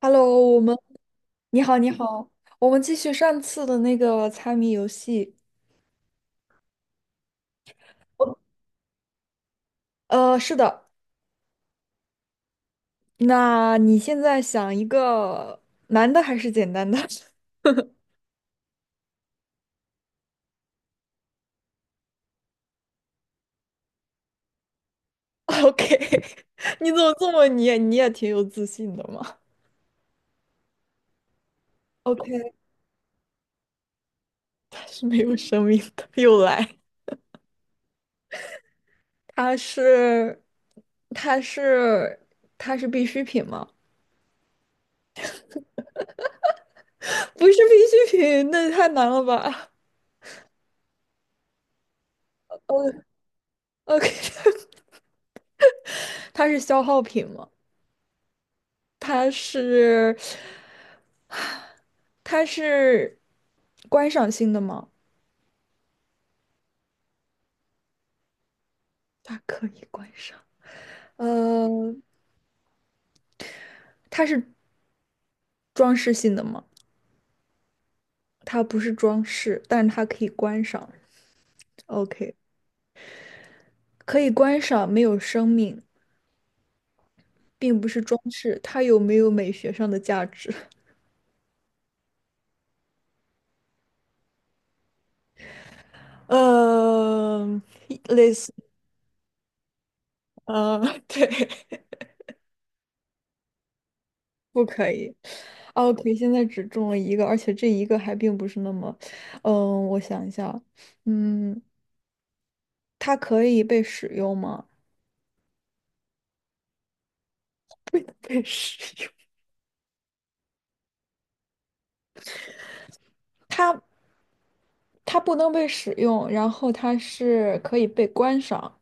Hello.你好，你好，我们继续上次的那个猜谜游戏。是的，那你现在想一个难的还是简单的 ？OK，你怎么这么你也挺有自信的嘛？OK，它是没有生命的，又来，它是它是它是必需品吗？不是必需品，那也太难了吧呃？OK，它是消耗品吗？它是它是观赏性的吗？它可以观赏。呃，它是装饰性的吗？它不是装饰，但是它可以观赏。OK，可以观赏，没有生命，并不是装饰。它有没有美学上的价值？呃，类似，呃，对，不可以。OK，现在只中了一个，而且这一个还并不是那么，我想一下啊，嗯，它可以被使用吗？被使用。它它不能被使用，然后它是可以被观赏，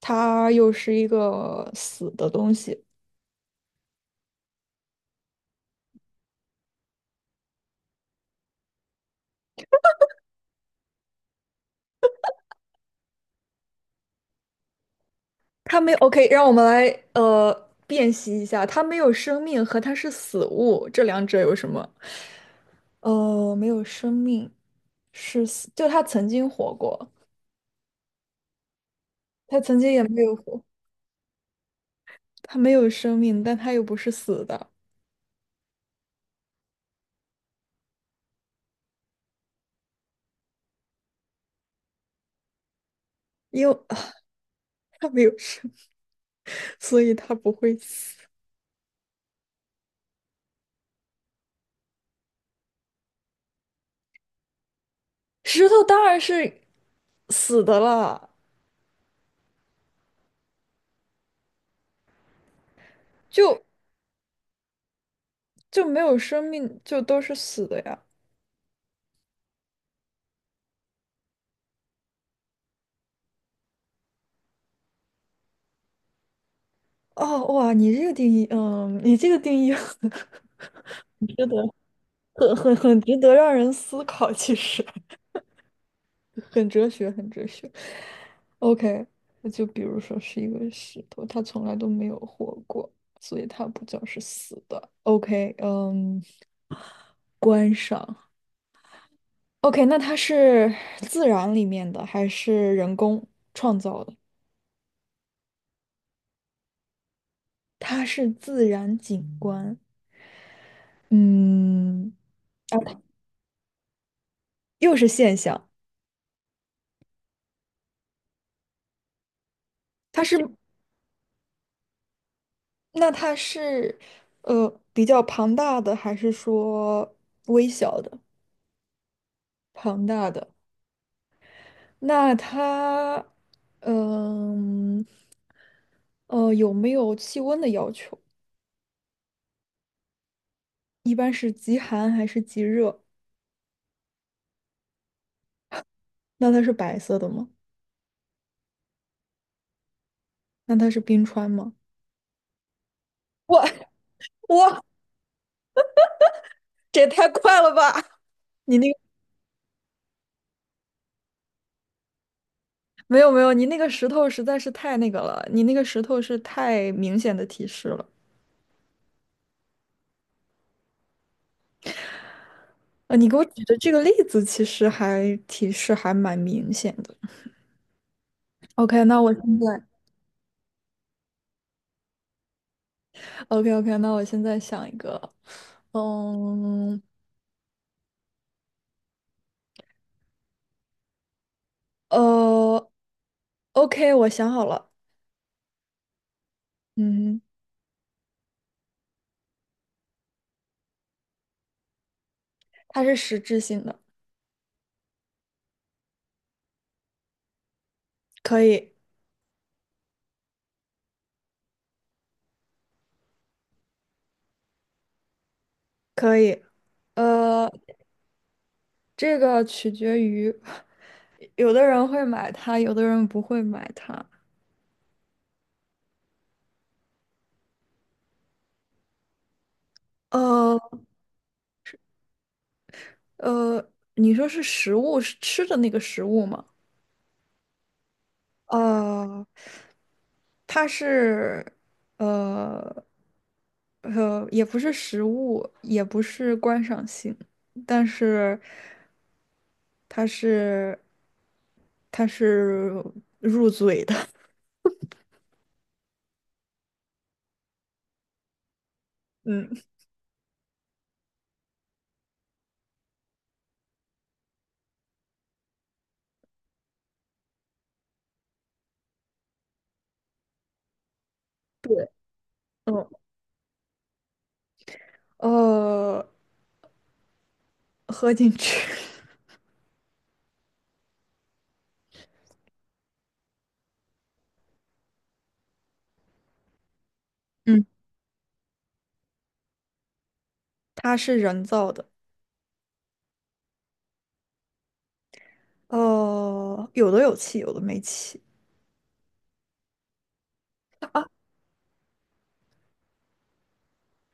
它又是一个死的东西。它没 OK，让我们来呃辨析一下，它没有生命和它是死物，这两者有什么？没有生命是死，就它曾经活过，它曾经也没有活，它没有生命，但它又不是死的，因为 它没有生，所以它不会死。石头当然是死的了，就就没有生命，就都是死的呀。哦，哇，你这个定义，你这个定义 很值得，很值得让人思考，其实 很哲学，很哲学。OK，那就比如说是一个石头，它从来都没有活过，所以它不叫是死的。OK，嗯，观赏。OK，那它是自然里面的还是人工创造的？它是自然景观，嗯，啊，又是现象，它是，那它是，比较庞大的，还是说微小的？庞大的，那它，嗯，呃，有没有气温的要求？一般是极寒还是极热？那它是白色的吗？那它是冰川吗？哇哇，这也太快了吧！你那个。没有没有，你那个石头实在是太那个了，你那个石头是太明显的提示了。你给我举的这个例子其实还提示还蛮明显的。OK，那我现在 OK OK，那我现在想一个，嗯呃，OK，我想好了，嗯，它是实质性的，可以可以，呃，这个取决于有的人会买它，有的人不会买它。呃，你说是食物，是吃的那个食物吗？呃，它是呃也不是食物，也不是观赏性，但是它是它是入嘴的，嗯嗯呃，喝进去，嗯，它是人造的，有的有气，有的没气。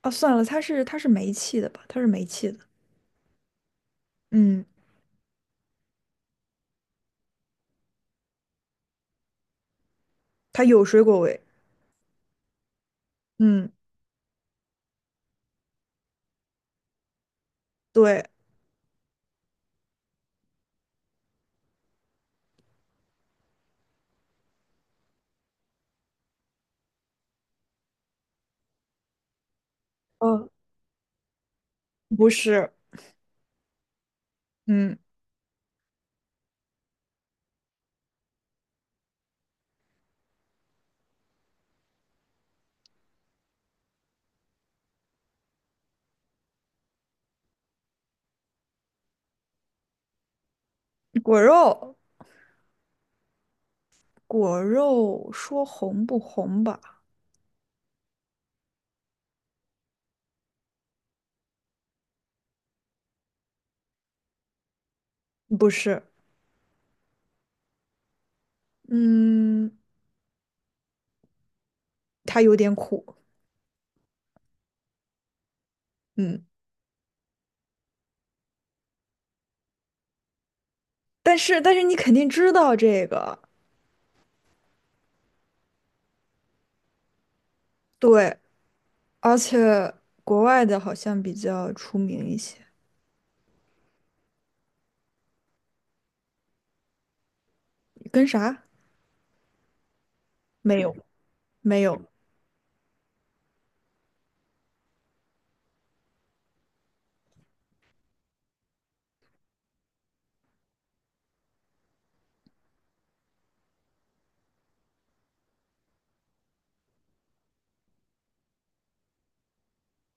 啊，算了，它是煤气的吧？它是煤气的，嗯。它有水果味。嗯对，嗯，不是，嗯，果肉，果肉说红不红吧？不是，嗯，它有点苦，嗯，但是你肯定知道这个，对，而且国外的好像比较出名一些，跟啥？没有，没有，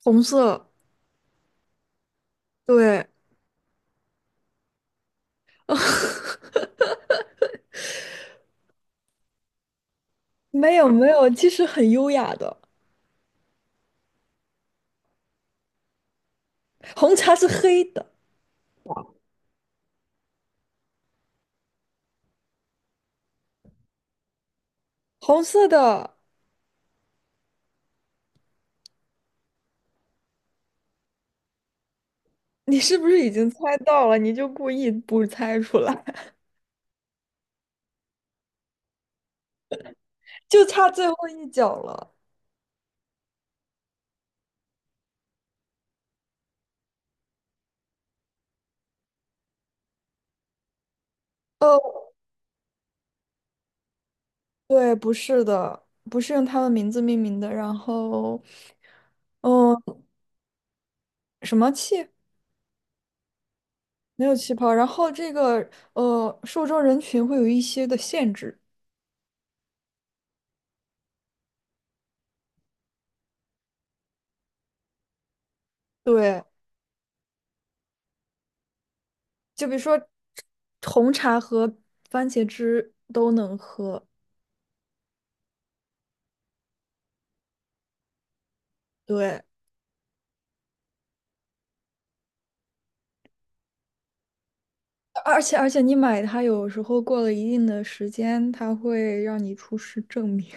红色，对，没有没有，其实很优雅的，红茶是黑的，红色的，你是不是已经猜到了？你就故意不猜出来，就差最后一脚了。哦，对，不是的，不是用他们名字命名的。然后，嗯、什么气？没有气泡。然后这个受众人群会有一些的限制。对，就比如说红茶和番茄汁都能喝。对，而且你买它有时候过了一定的时间，它会让你出示证明。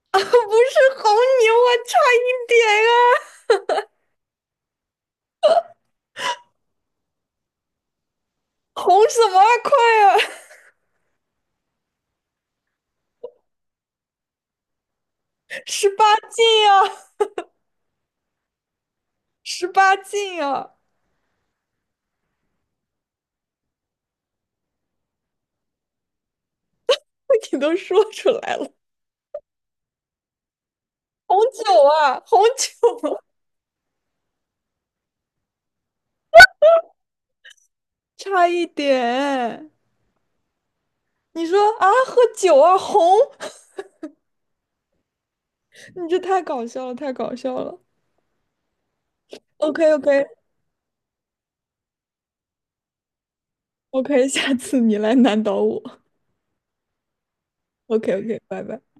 啊，不是红牛啊，差一点啊，红什么啊，快啊，十八禁啊，十八禁啊，你都说出来了，红酒啊，红酒啊差一点。你说啊，喝酒啊，红，你这太搞笑了，太搞笑了。OK OK OK，下次你来难倒我。OK OK，拜拜。